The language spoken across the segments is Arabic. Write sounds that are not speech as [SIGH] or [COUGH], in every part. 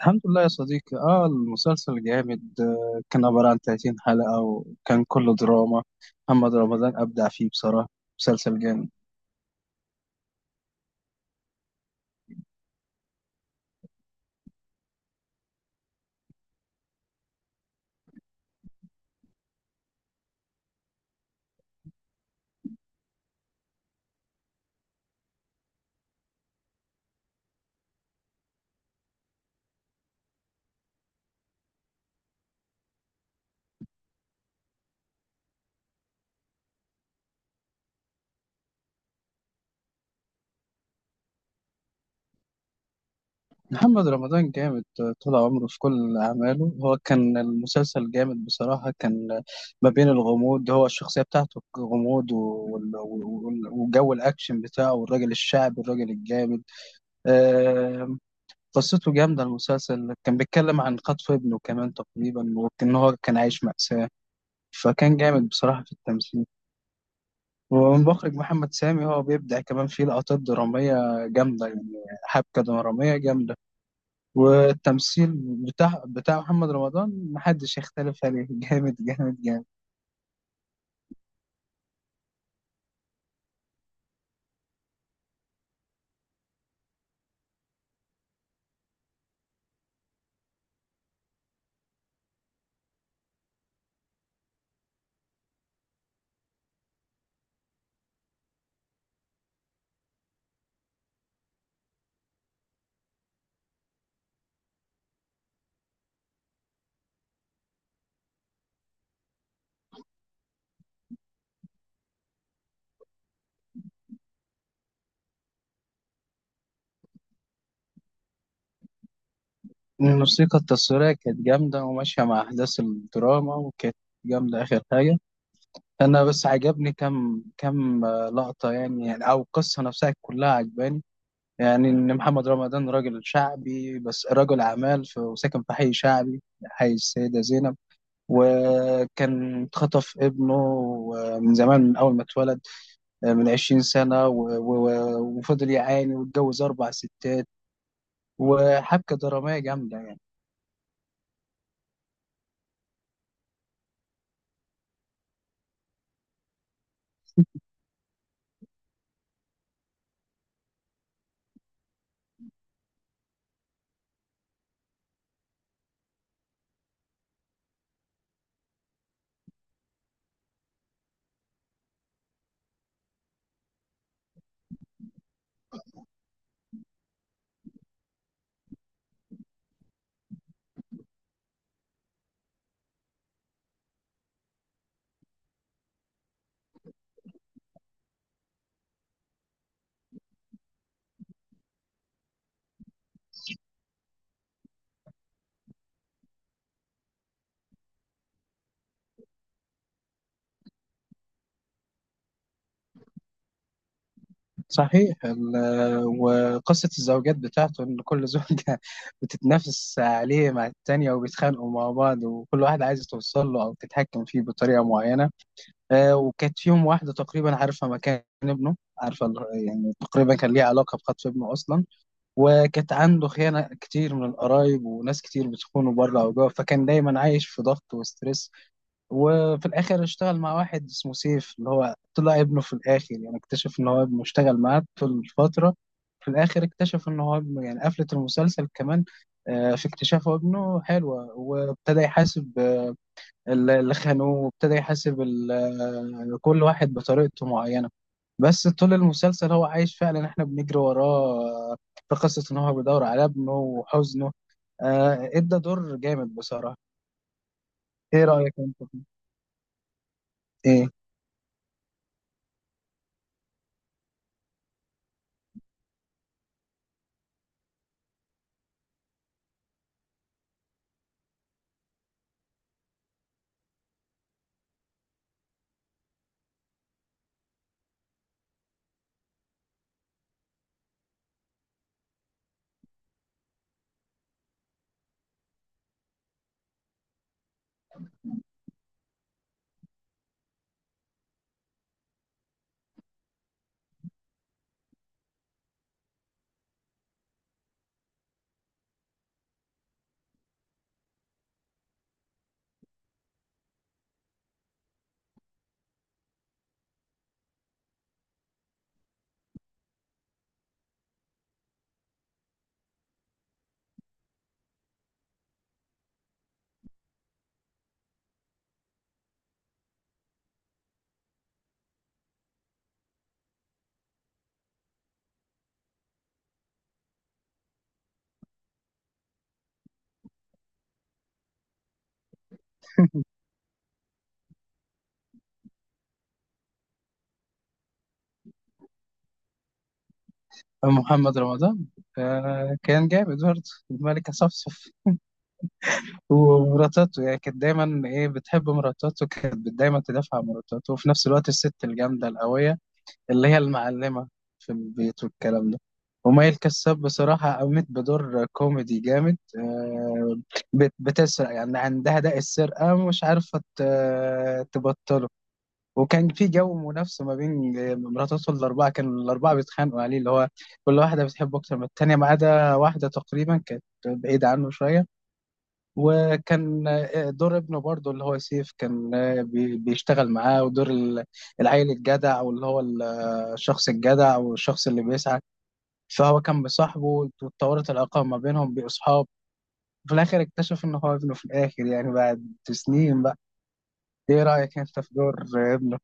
الحمد لله يا صديقي، المسلسل جامد كان عبارة عن 30 حلقة وكان كله دراما. محمد رمضان أبدع فيه بصراحة. مسلسل جامد. محمد رمضان جامد طول عمره في كل أعماله. هو كان المسلسل جامد بصراحة، كان ما بين الغموض، هو الشخصية بتاعته غموض، وجو الأكشن بتاعه، والراجل الشعبي، الراجل الجامد آه، قصته جامدة. المسلسل كان بيتكلم عن خطف ابنه كمان تقريبا، وإن هو كان عايش مأساة، فكان جامد بصراحة في التمثيل. والمخرج محمد سامي هو بيبدع كمان في لقطات درامية جامدة، يعني حبكة درامية جامدة. والتمثيل بتاع محمد رمضان محدش يختلف عليه [LAUGHS] جامد جامد جامد. الموسيقى التصويرية كانت جامدة وماشية مع أحداث الدراما، وكانت جامدة آخر حاجة. أنا بس عجبني كم لقطة، يعني أو القصة نفسها كلها عجباني. يعني إن محمد رمضان راجل شعبي بس رجل أعمال، وساكن في حي شعبي، حي السيدة زينب. وكان اتخطف ابنه من زمان، من أول ما اتولد، من 20 سنة، وفضل يعاني، واتجوز أربع ستات، وحبكة درامية جامدة يعني. صحيح، وقصة الزوجات بتاعته، إن كل زوجة [LAUGHS] بتتنافس عليه مع التانية، وبيتخانقوا مع بعض، وكل واحد عايز توصل له أو تتحكم فيه بطريقة معينة. وكانت فيهم واحدة تقريبا عارفة مكان ابنه، عارفة يعني تقريبا كان ليها علاقة بخطف ابنه أصلا. وكانت عنده خيانة كتير من القرايب، وناس كتير بتخونه بره أو جوه، فكان دايما عايش في ضغط وستريس. وفي الآخر اشتغل مع واحد اسمه سيف، اللي هو طلع ابنه في الآخر، يعني اكتشف إن هو ابنه اشتغل معاه طول الفترة. في الآخر اكتشف إن هو ابنه، يعني قفلة المسلسل كمان في اكتشاف ابنه حلوة، وابتدى يحاسب اللي خانوه، وابتدى يحاسب كل واحد بطريقته معينة. بس طول المسلسل هو عايش فعلا، احنا بنجري وراه في قصة ان هو بيدور على ابنه وحزنه ادى دور جامد بصراحة. ايه رأيك انت فيه؟ ايه. محمد رمضان كان جامد برضه، الملكة صفصف، ومراتاته يعني، كانت دايما بتحب مراتاته، كانت دايما تدافع عن مراتاته، وفي نفس الوقت الست الجامدة القوية اللي هي المعلمة في البيت والكلام ده. ومي الكساب بصراحة قامت بدور كوميدي جامد بتسرق يعني، عندها داء السرقة مش عارفة تبطله. وكان في جو منافسة ما بين مراتاته الأربعة، كانوا الأربعة بيتخانقوا عليه، اللي هو كل واحدة بتحبه أكتر من التانية، ما عدا واحدة تقريبا كانت بعيدة عنه شوية. وكان دور ابنه برضه، اللي هو سيف، كان بيشتغل معاه، ودور العيل الجدع، واللي هو الشخص الجدع، او الشخص اللي بيسعى. فهو كان بصاحبه، واتطورت العلاقه ما بينهم بأصحاب. في الاخر اكتشف ان هو ابنه، في الاخر يعني بعد سنين بقى. ايه رايك انت في دور ابنه؟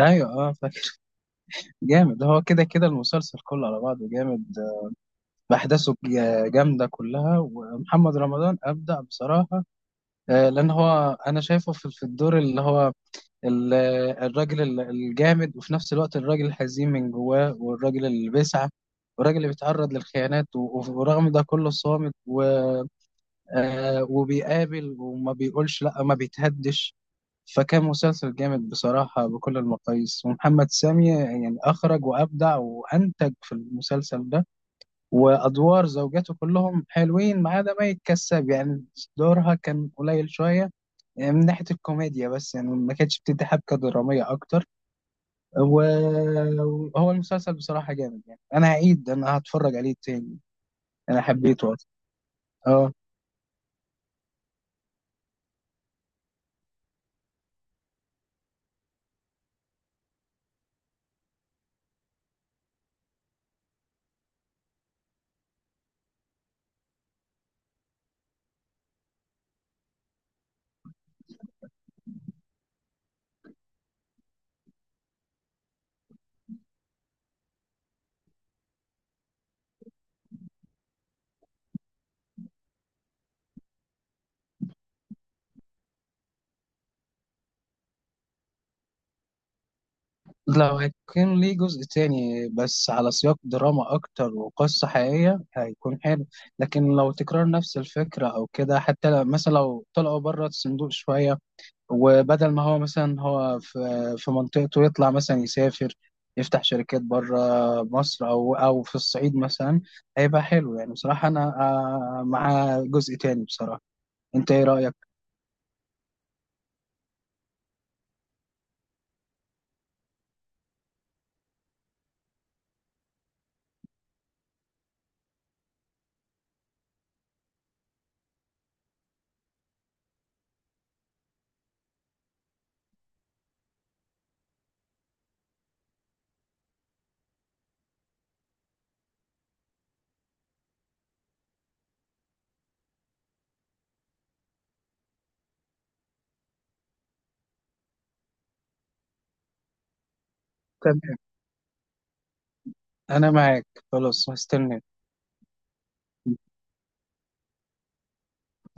ايوه، اه، فاكر. جامد، هو كده كده المسلسل كله على بعضه جامد، بأحداثه جامدة كلها، ومحمد رمضان أبدع بصراحة لأن هو أنا شايفه في الدور اللي هو ال- الراجل الجامد، وفي نفس الوقت الراجل الحزين من جواه، والراجل اللي بيسعى، والراجل اللي بيتعرض للخيانات، ورغم ده كله صامت. وبيقابل وما بيقولش لا، ما بيتهدش. فكان مسلسل جامد بصراحة بكل المقاييس، ومحمد سامي يعني أخرج وأبدع وأنتج في المسلسل ده. وأدوار زوجاته كلهم حلوين، ما عدا مي الكساب، يعني دورها كان قليل شوية، يعني من ناحية الكوميديا بس، يعني ما كانتش بتدي حبكة درامية أكتر. وهو المسلسل بصراحة جامد، يعني أنا هعيد، أنا هتفرج عليه تاني. أنا حبيته أصلا. أه. لو هيكون ليه جزء تاني بس على سياق دراما أكتر وقصة حقيقية، هيكون حلو. لكن لو تكرار نفس الفكرة أو كده، حتى مثلا لو طلعوا بره الصندوق شوية، وبدل ما هو مثلا هو في منطقته يطلع مثلا يسافر، يفتح شركات بره مصر، أو في الصعيد مثلا، هيبقى حلو يعني بصراحة. أنا مع جزء تاني بصراحة. انت ايه رأيك؟ تمام، انا معاك، خلاص هستناك.